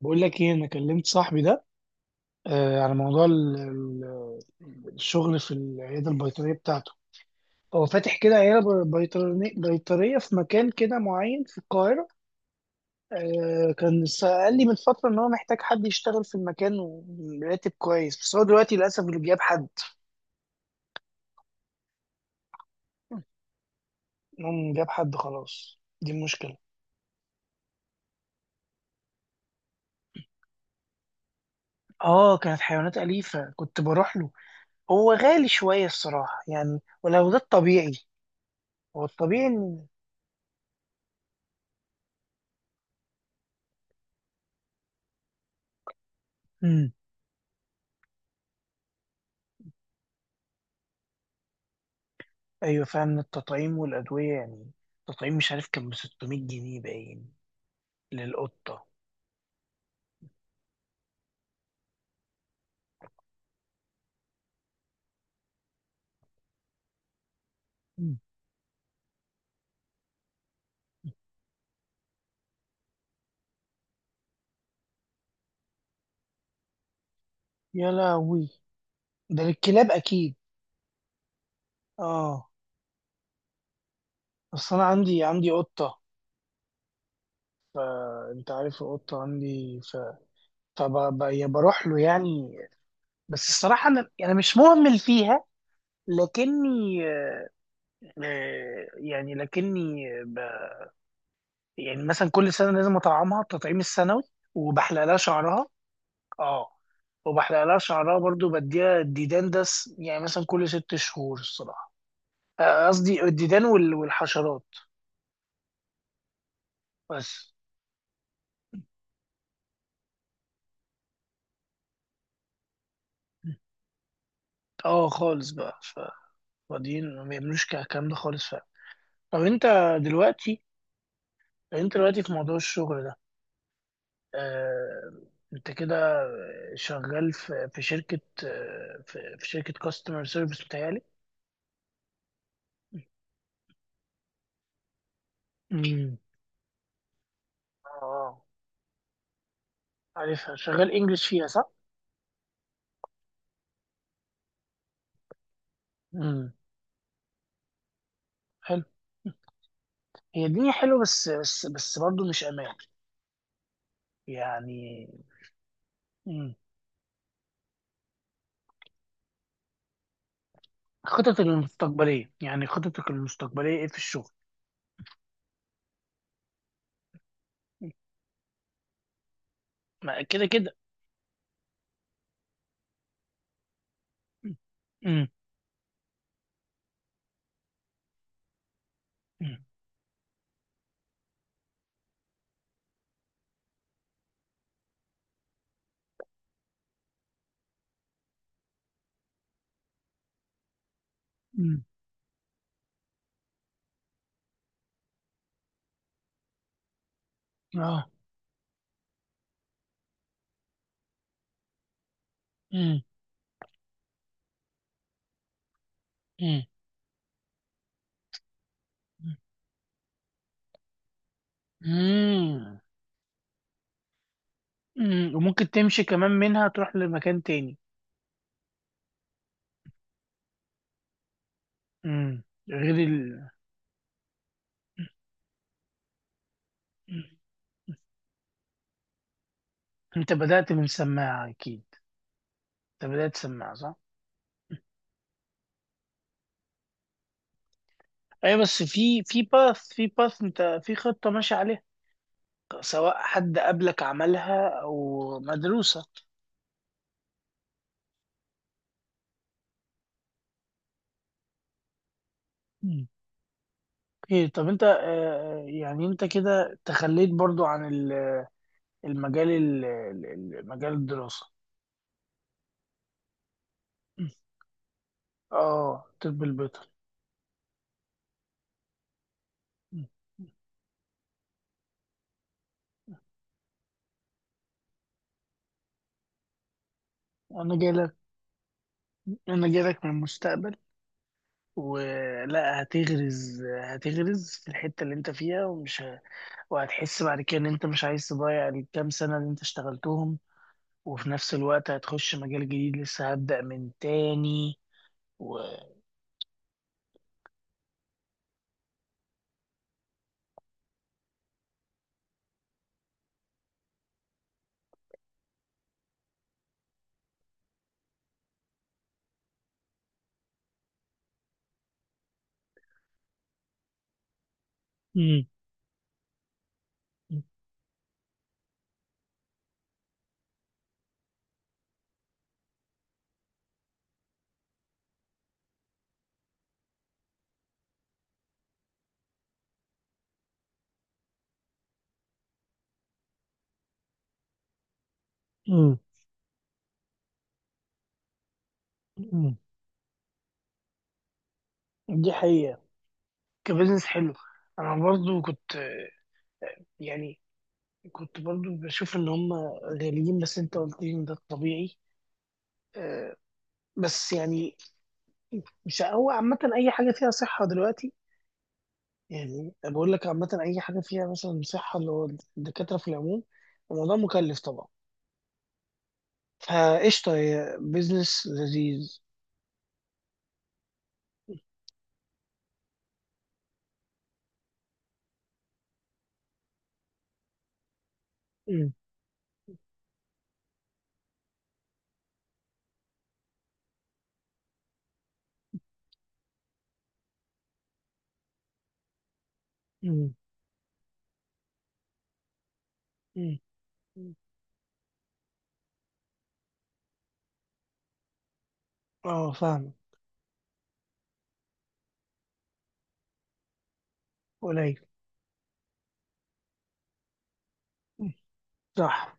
بقول لك ايه، انا كلمت صاحبي ده على موضوع الشغل في العياده البيطريه بتاعته. هو فاتح كده عياده بيطريه في مكان كده معين في القاهره. قال لي من فتره ان هو محتاج حد يشتغل في المكان وراتب كويس، بس هو دلوقتي للاسف اللي جاب حد. إنهم جاب حد خلاص، دي المشكله. اه، كانت حيوانات اليفه، كنت بروح له. هو غالي شويه الصراحه يعني، ولو ده الطبيعي. هو الطبيعي ان... مم. ايوه فعلا، التطعيم والادويه يعني، التطعيم مش عارف كان ب 600 جنيه باين، للقطه. مم. يا لهوي. ده للكلاب اكيد. اه، بس انا عندي قطه. انت عارف القطه عندي. فبروح له يعني. بس الصراحه انا مش مهمل فيها، لكني آه، يعني لكني ب... يعني مثلا كل سنه لازم اطعمها التطعيم السنوي، وبحلق لها شعرها. اه. وبحلق لها شعرها برضو، بديها الديدان يعني مثلا كل 6 شهور الصراحة. قصدي الديدان والحشرات، بس. اه، خالص بقى. فاضيين ما بيعملوش الكلام ده خالص، فعلا. طب انت دلوقتي انت دلوقتي في موضوع الشغل ده. آه... انت كده شغال في شركة. في شركة كاستمر سيرفيس بتهيألي. امم. اه، آه. عارفها شغال انجلش فيها صح؟ امم. حلو. هي الدنيا حلوة، بس برضه مش أمان يعني. مم. خططك المستقبلية إيه في الشغل؟ ما كده كده. مم. مم. مم. آه. مم. مم. مم. مم. وممكن تمشي كمان منها، تروح لمكان تاني. مم. غير ال... مم. أنت بدأت من سماعة أكيد، أنت بدأت سماعة صح؟ أيوة، بس في باث، أنت في خطة ماشي عليها، سواء حد قبلك عملها او مدروسة. مم. اوكي، طب انت يعني انت كده تخليت برضو عن المجال مجال الدراسة. مم. اه، طب البيطري. مم. انا جايلك انا جايلك من المستقبل. ولا هتغرز في الحتة اللي انت فيها، ومش وهتحس بعد كده ان انت مش عايز تضيع الكام سنة اللي انت اشتغلتهم، وفي نفس الوقت هتخش مجال جديد لسه هبدأ من تاني. امم، امم، امم. دي حقيقة. كبزنس حلو. انا برضو يعني كنت برضو بشوف ان هم غاليين، بس انت قلت لي ان ده الطبيعي. آه، بس يعني، مش هو عامة اي حاجة فيها صحة دلوقتي يعني. أنا بقول لك عامة اي حاجة فيها مثلا صحة، اللي هو الدكاترة في العموم، الموضوع مكلف طبعا، فقشطة هي بزنس لذيذ. امم. امم. امم. اه فاهم. قليل. مم. صح.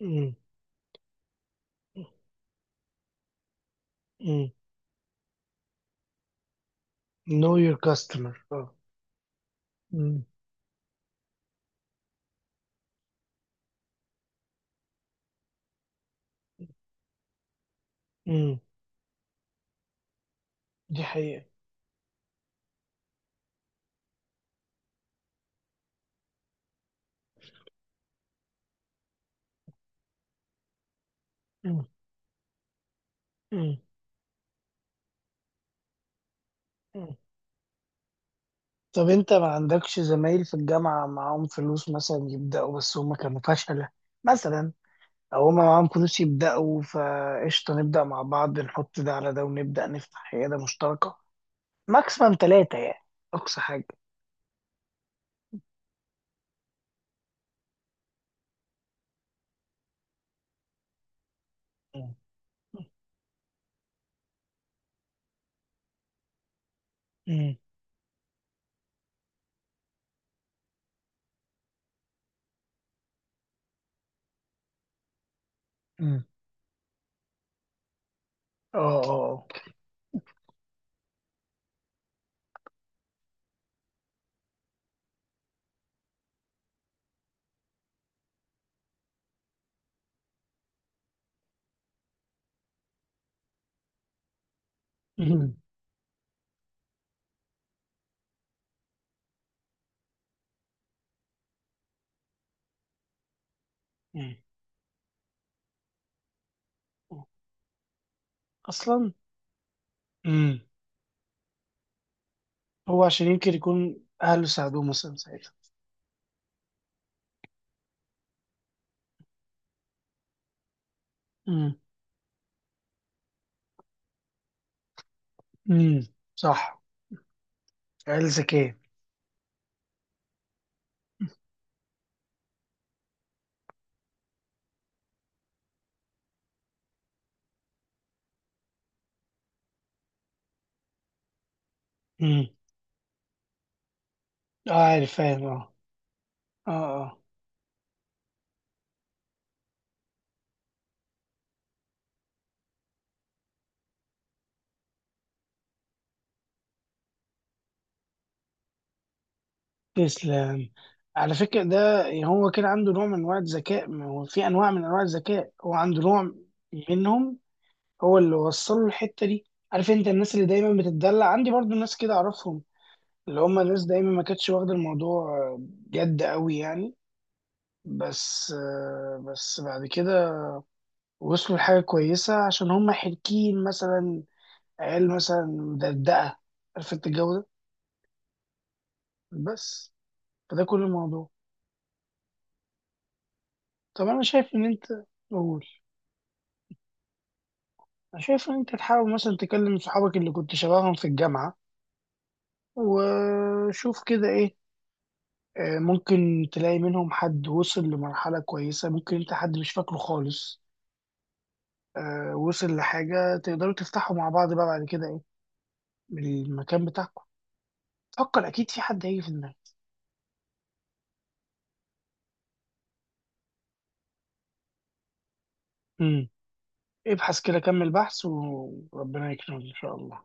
امم. مم. Know your customer. اه. مم. مم. دي حقيقة. مم. مم. مم. طب انت ما عندكش زمايل في الجامعة معاهم فلوس، مثلا يبدأوا بس هما كانوا فشلة، مثلا، او هما معاهم فلوس يبدأوا فقشطة، نبدأ مع بعض، نحط ده على ده، ونبدأ نفتح عيادة مشتركة، ماكسيمم ثلاثة يعني، أقصى حاجة. مم. مم. مم. اه، اه، آه. مم. مم. أصلا. مم. هو عشان يمكن يكون أهله ساعدوه مثلا ساعتها. امم. صح. عيال ذكية. امم. آه، عارف، فاهم، اه. اه، اه. تسلم. على فكرة، ده هو كده عنده نوع من أنواع الذكاء، ما هو في أنواع من أنواع الذكاء، هو عنده نوع منهم. هو اللي وصل له الحتة دي. عارف أنت الناس اللي دايما بتتدلع عندي، برضو ناس كده أعرفهم، اللي هم ناس دايما ما كانتش واخدة الموضوع جد قوي يعني، بس بعد كده وصلوا لحاجة كويسة، عشان هم حركين مثلا، عيال مثلا مدردقة، عارف أنت الجو ده. بس. فده كل الموضوع. طب انا شايف ان انت. قول. انا شايف ان انت تحاول مثلا تكلم صحابك اللي كنت شبههم في الجامعة، وشوف كده ايه. ممكن تلاقي منهم حد وصل لمرحلة كويسة، ممكن انت حد مش فاكره خالص. وصل لحاجة تقدروا تفتحوا مع بعض بقى، بعد كده ايه، من المكان بتاعكم. فكر اكيد في حد هيجي في دماغك. امم. ابحث كده، كمل بحث، وربنا يكرمك ان شاء الله.